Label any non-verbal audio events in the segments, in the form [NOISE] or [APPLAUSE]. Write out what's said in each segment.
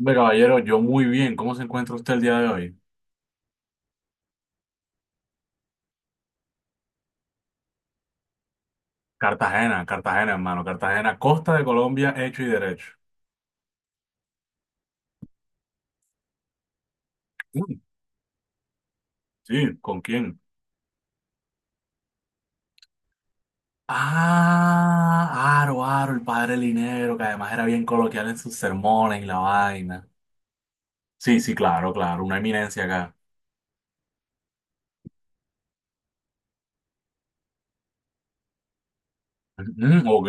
Hombre, caballero, yo muy bien. ¿Cómo se encuentra usted el día de hoy? Cartagena, Cartagena, hermano. Cartagena, costa de Colombia, hecho y derecho. Mm, sí, ¿con quién? Ah, Aro, Aro, el padre Linero, que además era bien coloquial en sus sermones y la vaina. Sí, sí, claro, claro, una eminencia acá. Mm, mm, ok.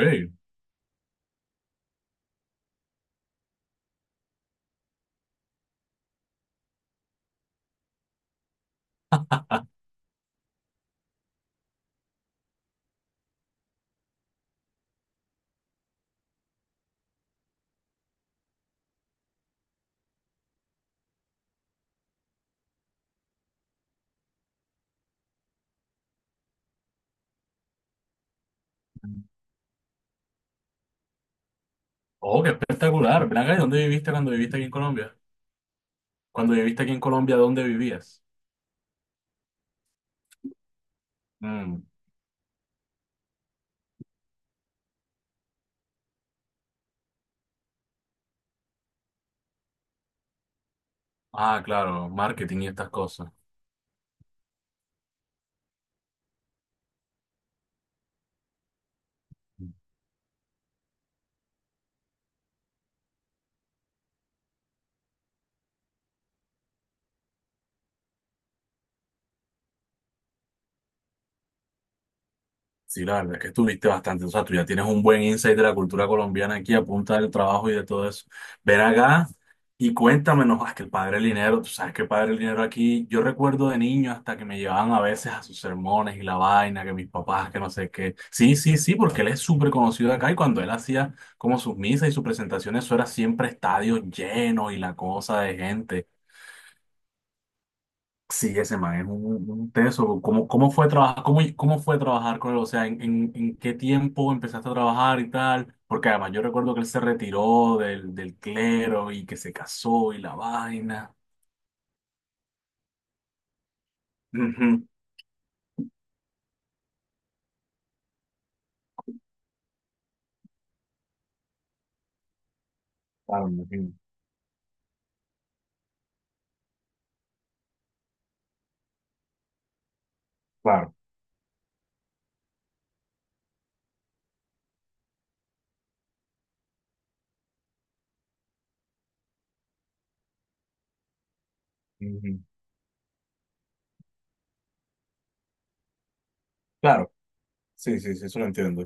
Oh, qué espectacular. Ven acá, ¿y dónde viviste cuando viviste aquí en Colombia? Cuando viviste aquí en Colombia, ¿dónde vivías? Mm. Ah, claro, marketing y estas cosas. Sí, la verdad es que estuviste bastante, o sea, tú ya tienes un buen insight de la cultura colombiana aquí a punta del trabajo y de todo eso. Ven acá y cuéntame, no, es que el padre del dinero, tú sabes que el padre del dinero aquí, yo recuerdo de niño hasta que me llevaban a veces a sus sermones y la vaina, que mis papás, que no sé qué. Sí, sí, sí, porque él es súper conocido acá y cuando él hacía como sus misas y sus presentaciones, eso era siempre estadios llenos y la cosa de gente. Sí, ese man es un teso. ¿Cómo fue trabajar, cómo fue trabajar con él? O sea, ¿en qué tiempo empezaste a trabajar y tal? Porque además yo recuerdo que él se retiró del clero y que se casó y la vaina. Ujú. Claro, me imagino, claro, ujú, claro, sí, sí, sí, eso lo entiendo.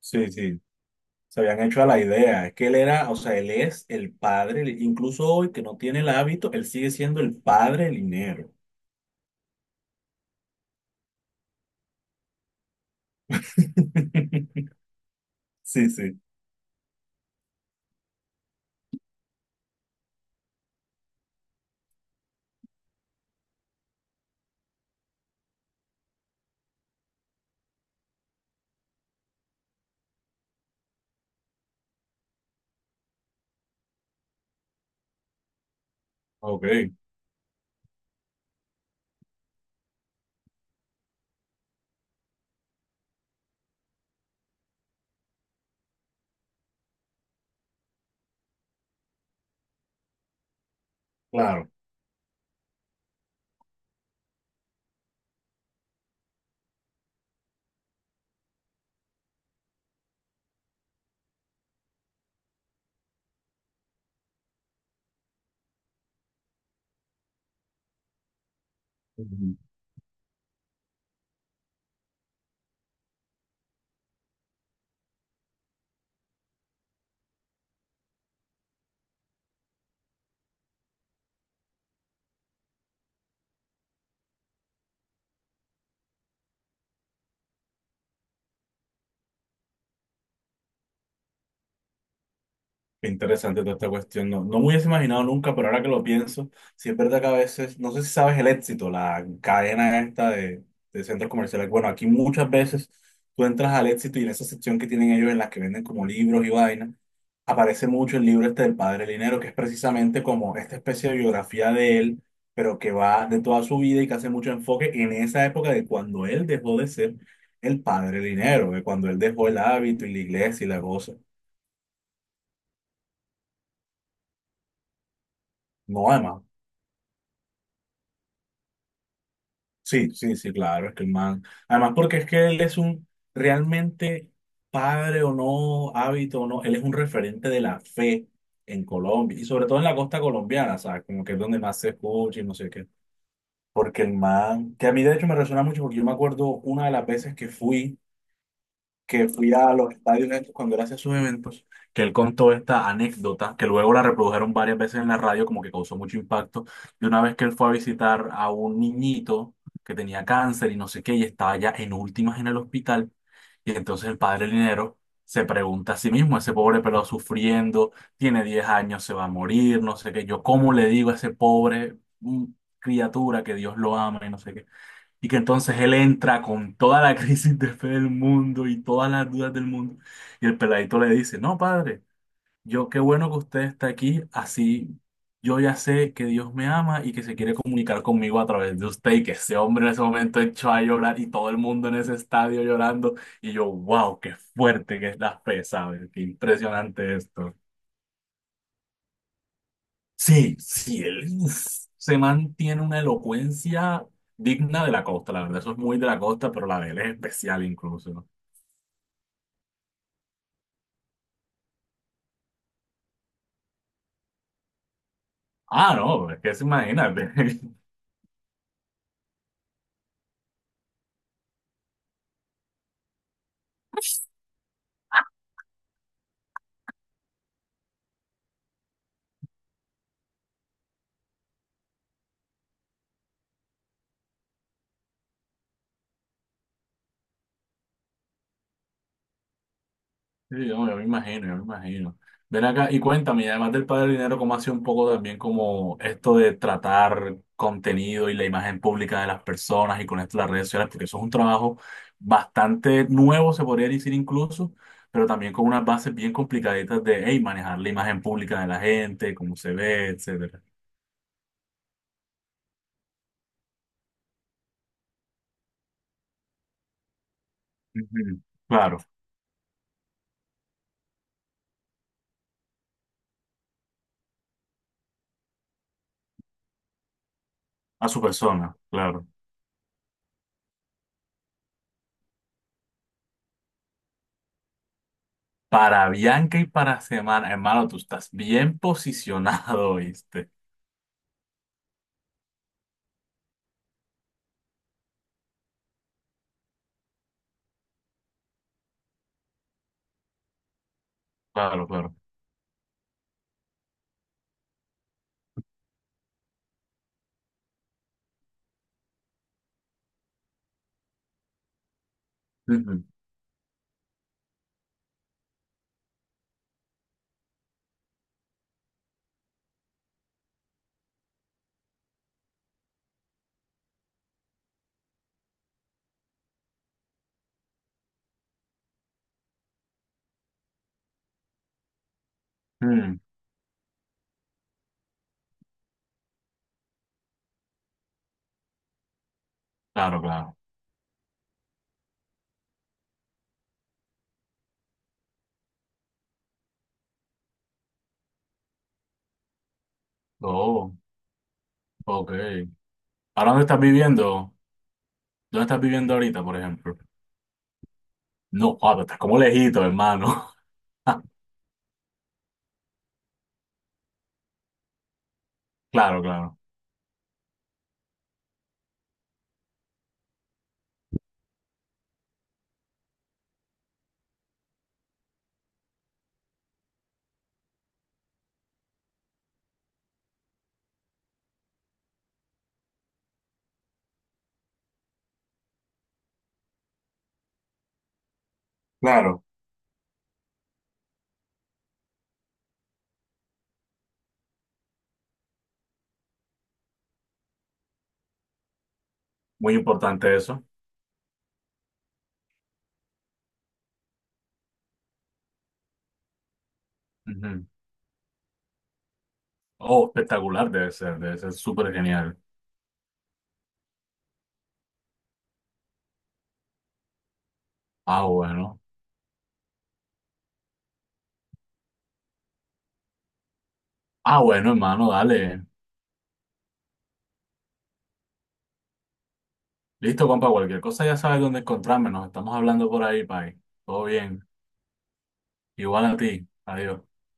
Sí, sí, se habían hecho a la idea. Es que él era, o sea, él es el padre, del- incluso hoy que no tiene el hábito, él sigue siendo el padre del dinero. [LAUGHS] Sí, sí, ok, claro. Ujú. Qué interesante toda esta cuestión. No, no me hubiese imaginado nunca, pero ahora que lo pienso, sí es verdad que a veces, no sé si sabes el éxito, la cadena esta de centros comerciales. Bueno, aquí muchas veces tú entras al éxito y en esa sección que tienen ellos en las que venden como libros y vainas, aparece mucho el libro este del Padre Linero, que es precisamente como esta especie de biografía de él, pero que va de toda su vida y que hace mucho enfoque en esa época de cuando él dejó de ser el Padre Linero, de cuando él dejó el hábito y la iglesia y la cosa. No, además. Sí, sí, sí, claro, es que el man. Además, porque es que él es un realmente padre o no, hábito o no, él es un referente de la fe en Colombia y sobre todo en la costa colombiana, ¿sabes? Como que es donde más se escucha y no sé qué. Porque el man, que a mí de hecho me resuena mucho porque yo me acuerdo una de las veces que fui a los estadios estos cuando él hacía sus eventos, que él contó esta anécdota, que luego la reprodujeron varias veces en la radio, como que causó mucho impacto, de una vez que él fue a visitar a un niñito que tenía cáncer y no sé qué, y estaba ya en últimas en el hospital, y entonces el padre Linero se pregunta a sí mismo, ese pobre pelado sufriendo, tiene 10 años, se va a morir, no sé qué, yo cómo le digo a ese pobre criatura que Dios lo ama y no sé qué. Y que entonces él entra con toda la [LAUGHS] crisis de fe del mundo y todas las dudas del mundo. Y el peladito le dice, no, padre, yo qué bueno que usted está aquí, así yo ya sé que Dios me ama y que se quiere comunicar conmigo a través de usted. Y que ese hombre en ese momento echó a llorar y todo el mundo en ese estadio llorando. Y yo, wow, qué fuerte que es la fe, ¿sabes? Qué impresionante esto. Sí, sí, él uf, se mantiene una elocuencia digna de la costa, la verdad, eso es muy de la costa, pero la de él es especial incluso. Ah, no, ¿es que se imagina? [LAUGHS] Sí, no, yo me imagino, yo me imagino. Ven acá y cuéntame, y además del Padre Dinero, ¿cómo hace un poco también como esto de tratar contenido y la imagen pública de las personas y con esto las redes sociales? Porque eso es un trabajo bastante nuevo, se podría decir incluso, pero también con unas bases bien complicaditas de, hey, manejar la imagen pública de la gente, cómo se ve, etcétera. Ujú. Claro, a su persona, claro. Para Bianca y para Semana, hermano, tú estás bien posicionado, [LAUGHS] ¿viste? Claro, claro. Ujú. Mm, claro, claro. Oh, ok. ¿Ahora dónde estás viviendo? ¿Dónde estás viviendo ahorita, por ejemplo? No, ah, pero estás como lejito, hermano. [LAUGHS] Claro, claro. Claro, muy importante eso. Ujú. Oh, espectacular debe ser súper genial. Ah, bueno. Ah, bueno, hermano, dale. Listo, compa, cualquier cosa ya sabes dónde encontrarme. Nos estamos hablando por ahí, pai. Todo bien. Igual a ti. Adiós.